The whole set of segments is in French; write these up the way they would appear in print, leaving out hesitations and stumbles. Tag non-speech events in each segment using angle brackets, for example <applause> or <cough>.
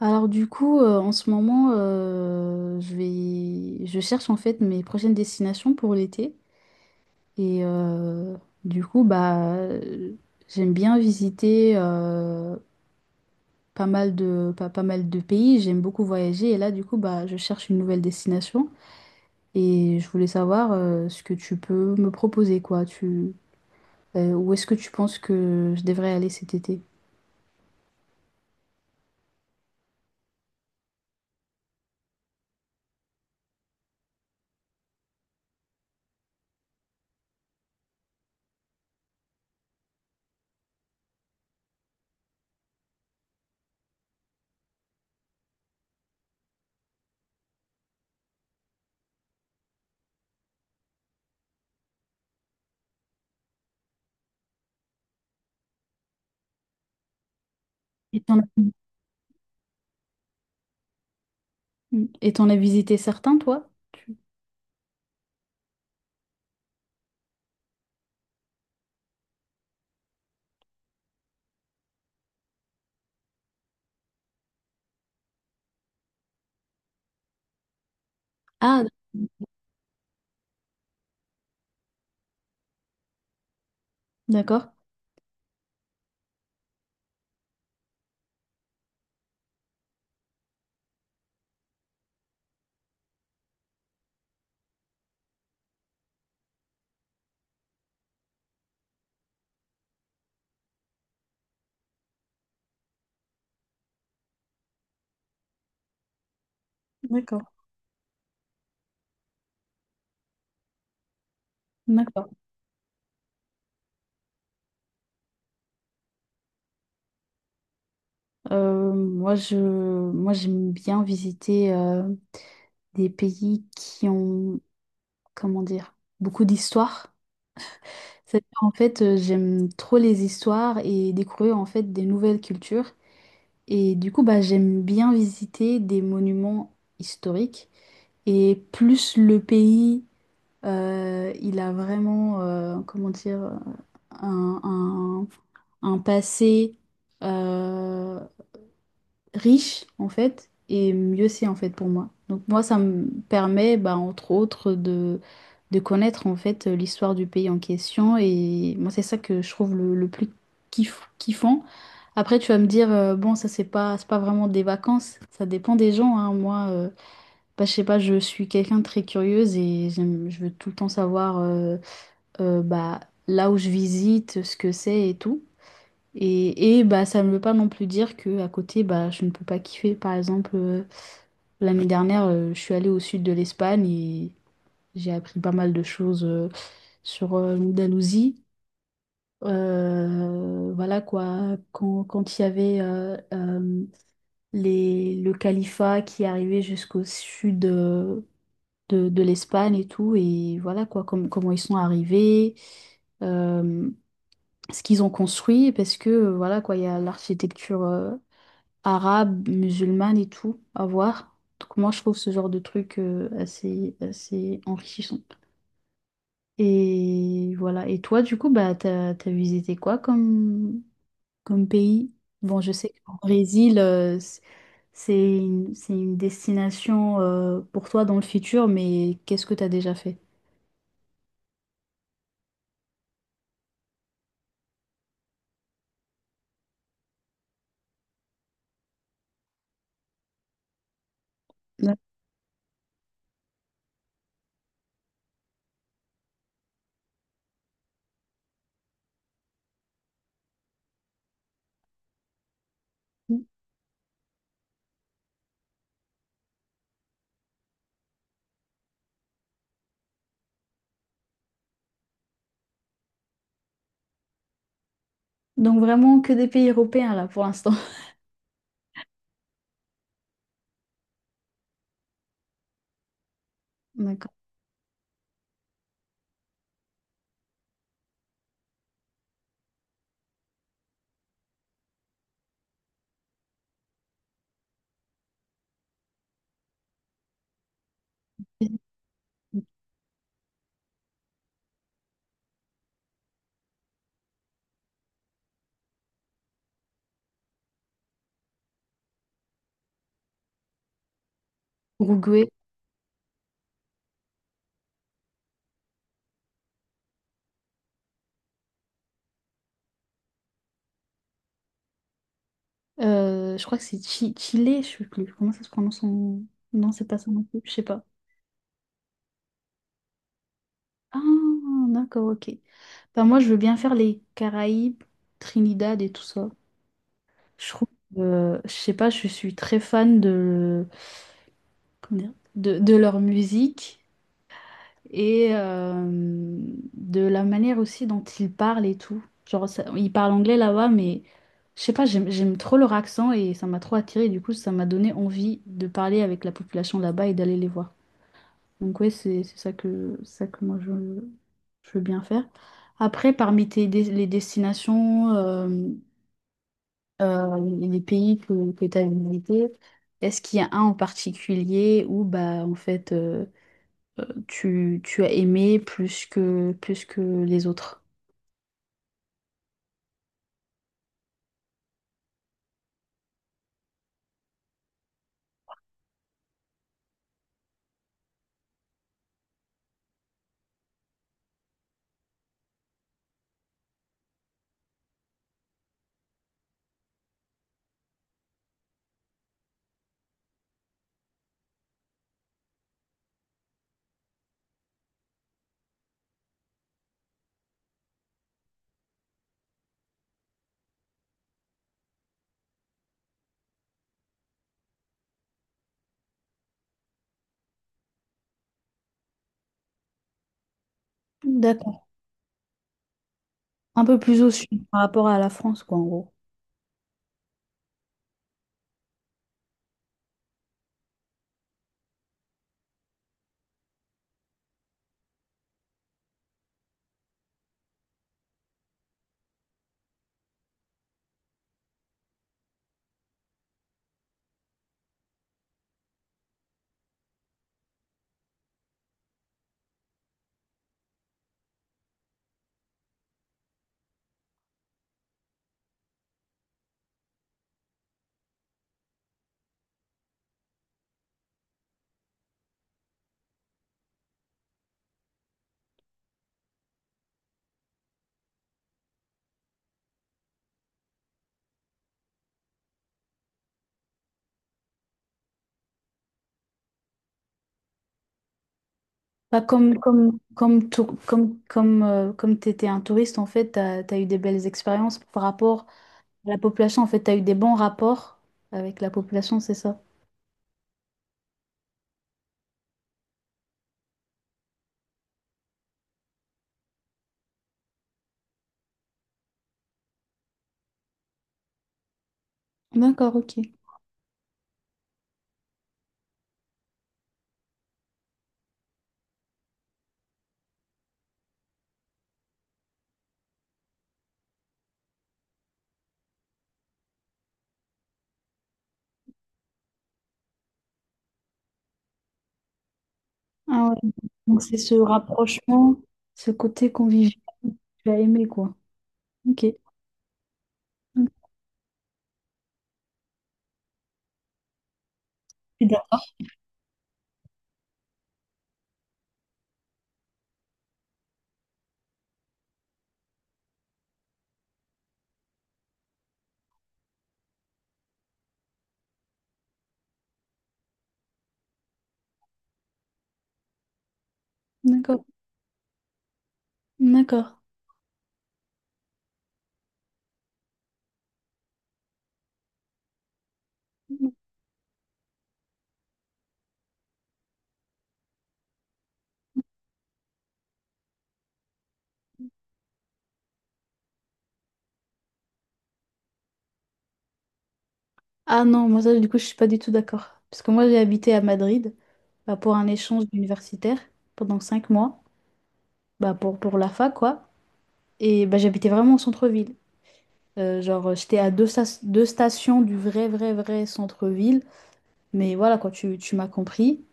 Alors du coup, en ce moment, je cherche en fait mes prochaines destinations pour l'été. Et du coup, bah, j'aime bien visiter pas mal de pays. J'aime beaucoup voyager. Et là, du coup, bah, je cherche une nouvelle destination. Et je voulais savoir ce que tu peux me proposer, quoi. Où est-ce que tu penses que je devrais aller cet été? Et t'en as, et t'en as visité certains, toi? Ah, d'accord. D'accord. D'accord. Moi, moi, j'aime bien visiter des pays qui ont, comment dire, beaucoup d'histoire. C'est-à-dire, en fait, j'aime trop les histoires et découvrir en fait des nouvelles cultures. Et du coup, bah, j'aime bien visiter des monuments historiques. Et plus le pays, il a vraiment, comment dire, un, un- un passé euh, riche en fait, et mieux c'est en fait pour moi. Donc moi ça me permet bah, entre autres de connaître en fait l'histoire du pays en question, et moi c'est ça que je trouve le plus kiffant. Après tu vas me dire bon, ça c'est pas vraiment des vacances, ça dépend des gens hein. Moi bah, je sais pas, je suis quelqu'un de très curieuse, et je veux tout le temps savoir bah là où je visite, ce que c'est et tout. et bah, ça ne veut pas non plus dire que à côté, bah, je ne peux pas kiffer. Par exemple, l'année dernière, je suis allée au sud de l'Espagne et j'ai appris pas mal de choses sur l'Andalousie. Voilà quoi, quand il y avait le califat qui arrivait jusqu'au sud de l'Espagne et tout, et voilà quoi, comment ils sont arrivés. euh, Ce qu'ils ont construit, parce que voilà quoi, il y a l'architecture arabe, musulmane et tout à voir. Donc moi, je trouve ce genre de truc assez, assez enrichissant. Et voilà. Et toi, du coup, bah, t'as visité quoi comme pays? Bon, je sais qu'en Brésil, c'est une destination pour toi dans le futur, mais qu'est-ce que t'as déjà fait? D'accord. Donc vraiment que des pays européens là pour l'instant. <laughs> D'accord. Uruguay. Je crois que c'est Chile, je sais plus. Comment ça se prononce son. Non, c'est pas ça non plus, je sais pas. Ah, d'accord, ok. Ben, moi, je veux bien faire les Caraïbes, Trinidad et tout ça. Je trouve, je sais pas, je suis très fan de, comment dire, de leur musique et de la manière aussi dont ils parlent et tout. Genre, ils parlent anglais là-bas, mais je sais pas, j'aime trop leur accent et ça m'a trop attiré. Du coup, ça m'a donné envie de parler avec la population là-bas et d'aller les voir. Donc ouais, c'est ça que moi je veux bien faire. Après, parmi les destinations, les pays que tu as visités, est-ce qu'il y a un en particulier où bah en fait tu as aimé plus que les autres? D'accord. Un peu plus au sud par rapport à la France, quoi, en gros. Pas comme t'étais un touriste, en fait, t'as eu des belles expériences par rapport. La population, en fait, tu as eu des bons rapports avec la population, c'est ça? D'accord, ok. Ah ouais. Donc c'est ce rapprochement, ce côté convivial que tu as aimé, quoi. Ok. D'accord. D'accord. Ah non, moi ça, du coup, je suis pas du tout d'accord. Parce que moi, j'ai habité à Madrid, bah, pour un échange universitaire pendant 5 mois, bah, pour la fac, quoi. Et bah, j'habitais vraiment au centre-ville. Genre, j'étais à deux stations du vrai, vrai, vrai centre-ville. Mais voilà, quoi, tu m'as compris.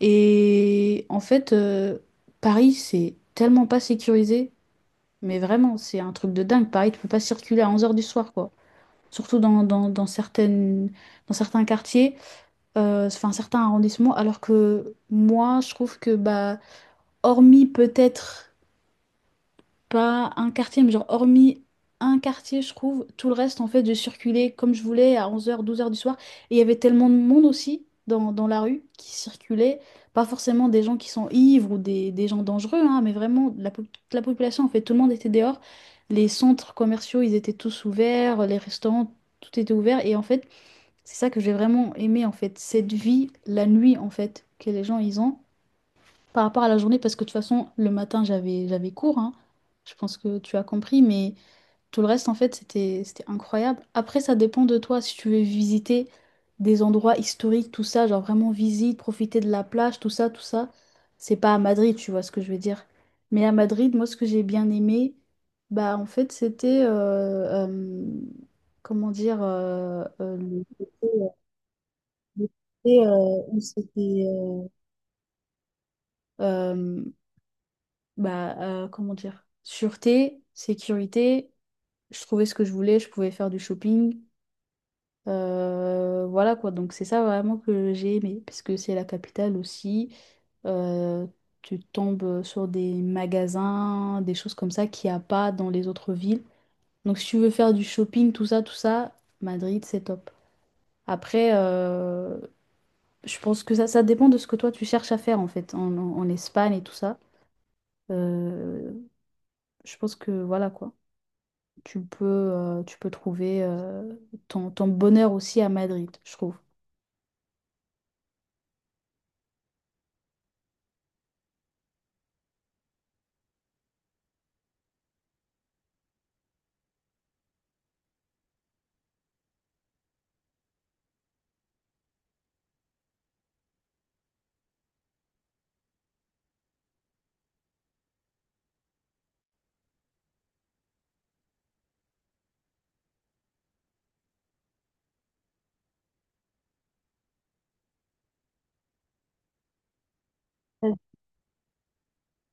Et en fait, Paris, c'est tellement pas sécurisé, mais vraiment, c'est un truc de dingue. Paris, tu peux pas circuler à 11 heures du soir, quoi. Surtout dans certains quartiers, enfin certains arrondissements, alors que moi, je trouve que, bah, hormis peut-être pas un quartier, mais genre hormis un quartier, je trouve, tout le reste, en fait, je circulais comme je voulais à 11 heures 12 heures du soir. Et il y avait tellement de monde aussi dans la rue qui circulait. Pas forcément des gens qui sont ivres ou des gens dangereux, hein, mais vraiment toute la population, en fait, tout le monde était dehors. Les centres commerciaux, ils étaient tous ouverts, les restaurants, tout était ouvert. Et en fait, c'est ça que j'ai vraiment aimé, en fait, cette vie, la nuit, en fait, que les gens, ils ont par rapport à la journée, parce que de toute façon, le matin, j'avais cours, hein. Je pense que tu as compris, mais tout le reste, en fait, c'était incroyable. Après, ça dépend de toi, si tu veux visiter des endroits historiques, tout ça, genre vraiment visite, profiter de la plage, tout ça, tout ça. C'est pas à Madrid, tu vois ce que je veux dire. Mais à Madrid, moi, ce que j'ai bien aimé, bah, en fait, c'était, comment dire, le côté, où c'était. euh, Bah, comment dire, sûreté, sécurité, je trouvais ce que je voulais, je pouvais faire du shopping. Voilà quoi, donc c'est ça vraiment que j'ai aimé, parce que c'est la capitale aussi. Euh, Tu tombes sur des magasins, des choses comme ça qu'il n'y a pas dans les autres villes. Donc si tu veux faire du shopping, tout ça, Madrid, c'est top. Après, je pense que ça dépend de ce que toi tu cherches à faire en fait, en Espagne et tout ça. Euh, je pense que voilà quoi. Tu peux trouver ton bonheur aussi à Madrid, je trouve.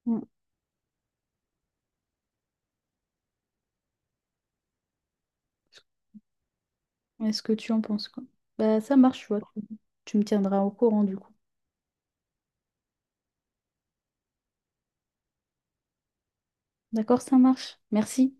Mm. Est-ce que tu en penses quoi? Bah, ça marche, tu vois. Tu me tiendras au courant du coup. D'accord, ça marche. Merci.